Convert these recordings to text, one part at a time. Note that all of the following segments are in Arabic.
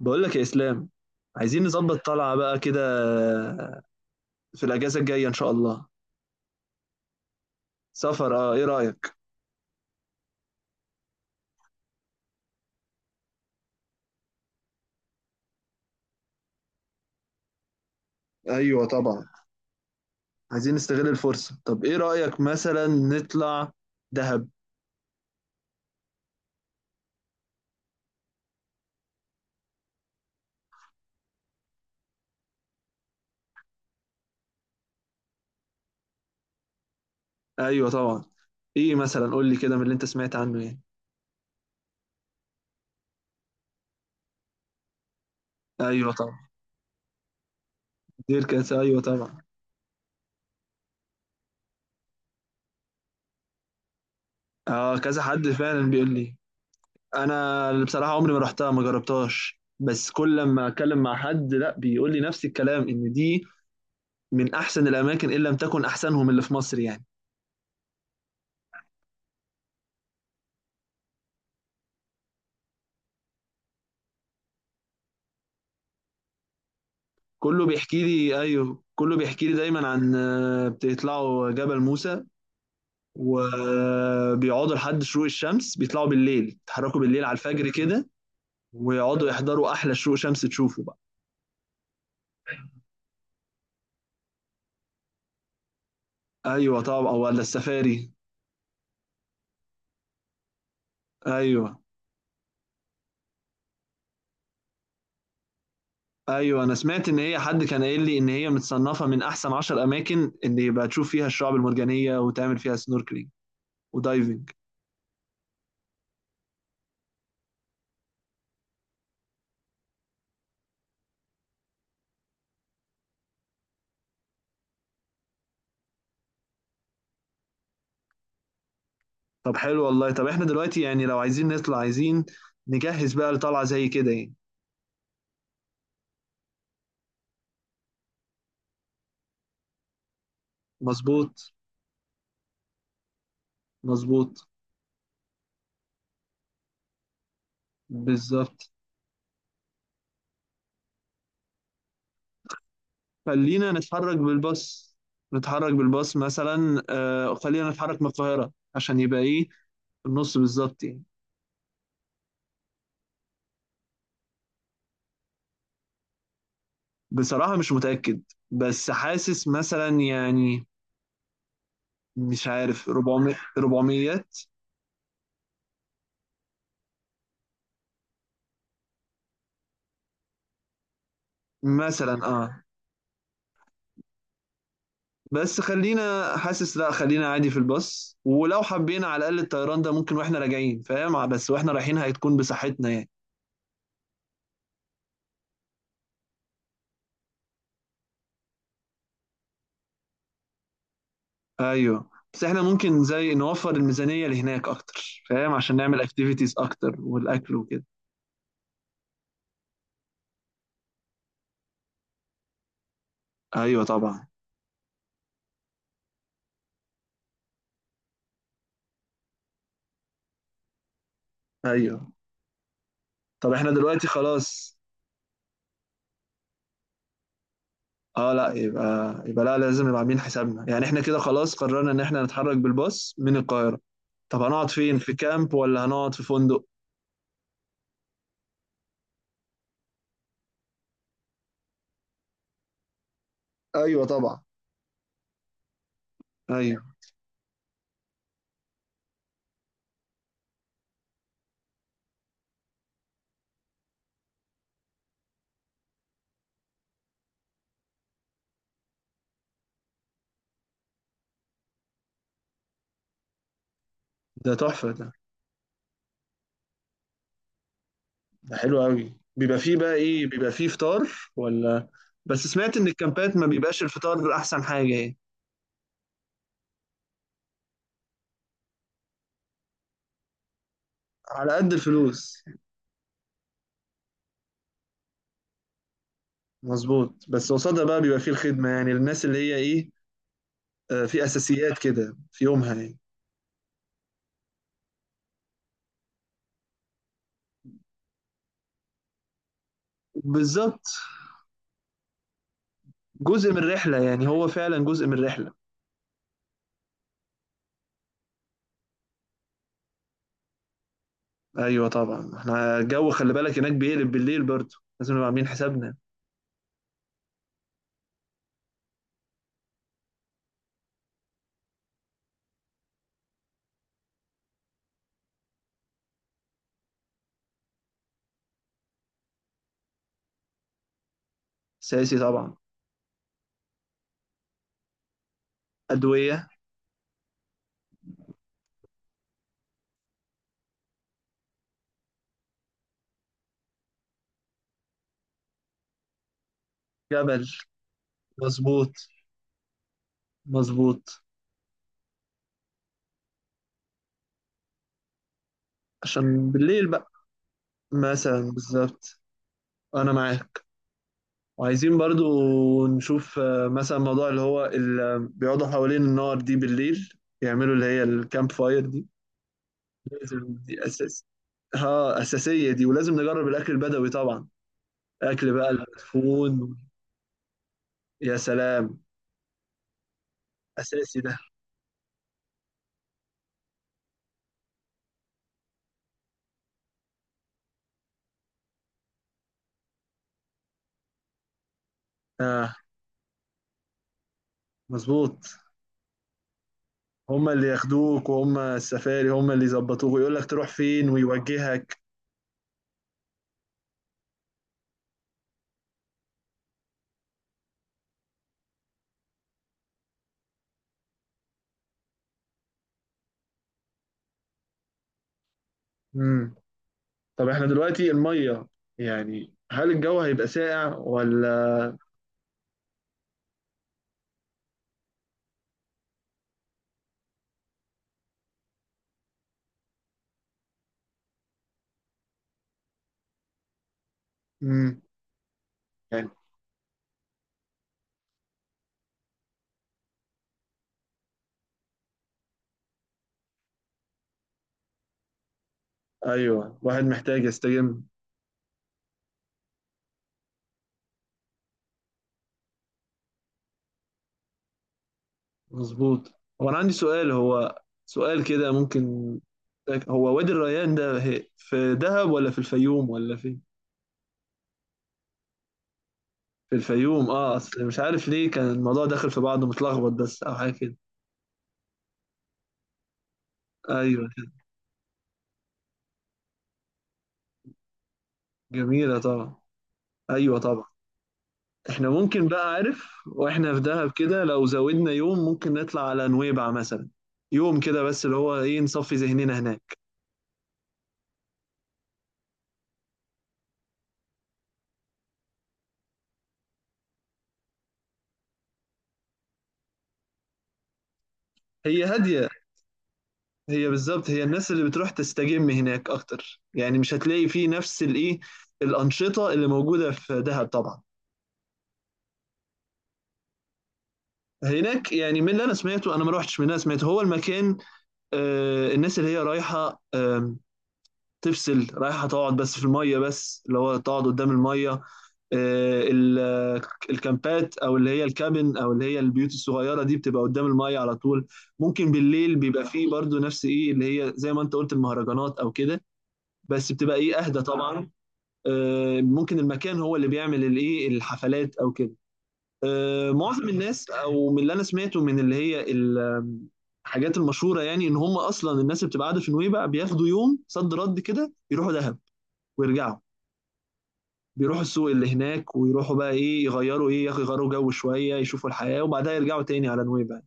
بقول لك يا اسلام، عايزين نظبط طلعه بقى كده في الاجازه الجايه ان شاء الله. سفر، ايه رايك؟ ايوه طبعا، عايزين نستغل الفرصه. طب ايه رايك مثلا نطلع دهب؟ ايوه طبعا. ايه مثلا قول لي كده من اللي انت سمعت عنه يعني؟ ايوه طبعا. دير كاس، ايوه طبعا. اه كذا حد فعلا بيقول لي. انا اللي بصراحه عمري ما رحتها، ما جربتهاش، بس كل لما اتكلم مع حد لا بيقول لي نفس الكلام ان دي من احسن الاماكن ان لم تكن احسنهم اللي في مصر يعني. كله بيحكي لي، ايوه كله بيحكي لي دايما عن بتطلعوا جبل موسى وبيقعدوا لحد شروق الشمس، بيطلعوا بالليل يتحركوا بالليل على الفجر كده، ويقعدوا يحضروا احلى شروق شمس تشوفه بقى. ايوه طبعا، أو ولا السفاري؟ ايوه. ايوه انا سمعت ان هي، حد كان قايل لي ان هي متصنفه من احسن 10 اماكن ان يبقى تشوف فيها الشعاب المرجانيه وتعمل فيها سنوركلينج ودايفنج. طب حلو والله. طب احنا دلوقتي يعني لو عايزين نطلع، عايزين نجهز بقى لطلعه زي كده يعني. مظبوط، مظبوط. بالظبط، خلينا نتحرك بالباص. نتحرك بالباص مثلا، آه خلينا نتحرك من القاهرة عشان يبقى ايه، النص بالظبط يعني. بصراحة مش متأكد، بس حاسس مثلا يعني، مش عارف 400، 400 مثلا اه. بس خلينا حاسس، لا خلينا عادي في الباص، ولو حبينا على الأقل الطيران ده ممكن واحنا راجعين، فاهم؟ بس واحنا رايحين هتكون بصحتنا يعني. ايوه بس احنا ممكن زي نوفر الميزانية لهناك اكتر، فاهم؟ عشان نعمل اكتيفيتيز اكتر والاكل وكده. ايوه طبعا. ايوه. طب احنا دلوقتي خلاص، اه لا يبقى، يبقى لا لازم نبقى عاملين حسابنا يعني. احنا كده خلاص قررنا ان احنا نتحرك بالباص من القاهرة. طب هنقعد فين، في كامب ولا هنقعد في فندق؟ ايوه طبعا. ايوه. ده تحفة ده. ده حلو قوي. بيبقى فيه بقى ايه، بيبقى فيه فطار ولا؟ بس سمعت ان الكامبات ما بيبقاش الفطار احسن حاجة يعني. على قد الفلوس. مظبوط، بس قصادها بقى بيبقى فيه الخدمة يعني، للناس اللي هي إيه، في أساسيات كده في يومها يعني. بالظبط. جزء من الرحلة يعني، هو فعلا جزء من الرحلة. أيوه طبعا، إحنا الجو خلي بالك هناك بيقلب بالليل برضه، لازم نبقى عاملين حسابنا. أساسي طبعا. أدوية. جبل. مظبوط، مظبوط. عشان بالليل بقى مثلا، بالظبط. أنا معاك. وعايزين برضو نشوف مثلا موضوع اللي هو اللي بيقعدوا حوالين النار دي بالليل، يعملوا اللي هي الكامب فاير دي. لازم دي اساس، ها اساسيه دي. ولازم نجرب الاكل البدوي طبعا، اكل بقى المدفون. يا سلام، اساسي ده. اه، مظبوط. هما اللي ياخدوك، وهما السفاري هما اللي يظبطوك ويقول لك تروح فين ويوجهك. امم طب احنا دلوقتي الميه يعني، هل الجو هيبقى ساقع ولا؟ امم يعني. ايوه واحد محتاج يستجم. مظبوط. هو انا عندي سؤال، هو سؤال كده ممكن. هو وادي الريان ده هي في دهب ولا في الفيوم ولا فين؟ في الفيوم اه، اصل مش عارف ليه كان الموضوع داخل في بعضه متلخبط بس، او حاجه كده. ايوه كده. جميله طبعا، ايوه طبعا. احنا ممكن بقى، عارف؟ واحنا في دهب كده لو زودنا يوم ممكن نطلع على نويبع مثلا، يوم كده بس، اللي هو ايه نصفي ذهننا هناك. هي هاديه. هي بالظبط، هي الناس اللي بتروح تستجم هناك اكتر يعني، مش هتلاقي فيه نفس الايه، الانشطه اللي موجوده في دهب طبعا. هناك يعني من اللي انا سمعته، انا ما روحتش، من اللي انا سمعته هو المكان، آه الناس اللي هي رايحه، آه تفصل، رايحه تقعد بس في الميه، بس اللي هو تقعد قدام الميه. آه ال- الكامبات او اللي هي الكابن او اللي هي البيوت الصغيره دي بتبقى قدام الميه على طول. ممكن بالليل بيبقى فيه برضو نفس ايه اللي هي زي ما انت قلت، المهرجانات او كده، بس بتبقى ايه اهدى طبعا. ممكن المكان هو اللي بيعمل الايه، الحفلات او كده. معظم الناس او من اللي انا سمعته، من اللي هي ال- الحاجات المشهوره يعني، ان هم اصلا الناس اللي بتبقى قاعده في نويبع بياخدوا يوم صد رد كده يروحوا دهب ويرجعوا. بيروحوا السوق اللي هناك، ويروحوا بقى ايه، يغيروا ايه، يغيروا جو شويه يشوفوا الحياه وبعدها يرجعوا تاني على نويبع.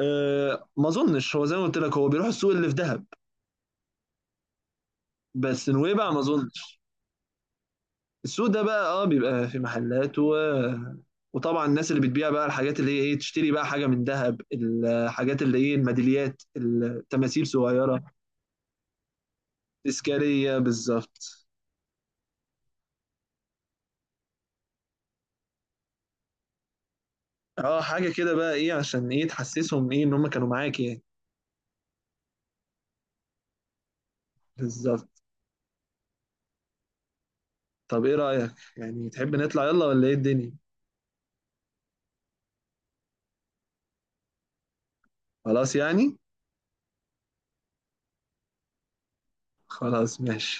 أه ما اظنش، هو زي ما قلت لك هو بيروح السوق اللي في دهب، بس نويبع ما اظنش. السوق ده بقى اه بيبقى في محلات، و... وطبعا الناس اللي بتبيع بقى الحاجات اللي هي ايه، تشتري بقى حاجه من ذهب، الحاجات اللي ايه الميداليات، التماثيل صغيره. تذكاريه بالظبط. اه حاجه كده بقى ايه، عشان ايه تحسسهم ايه ان هم كانوا معاك يعني. بالظبط. طب ايه رايك يعني، تحب نطلع يلا ولا ايه الدنيا؟ خلاص يعني. خلاص ماشي.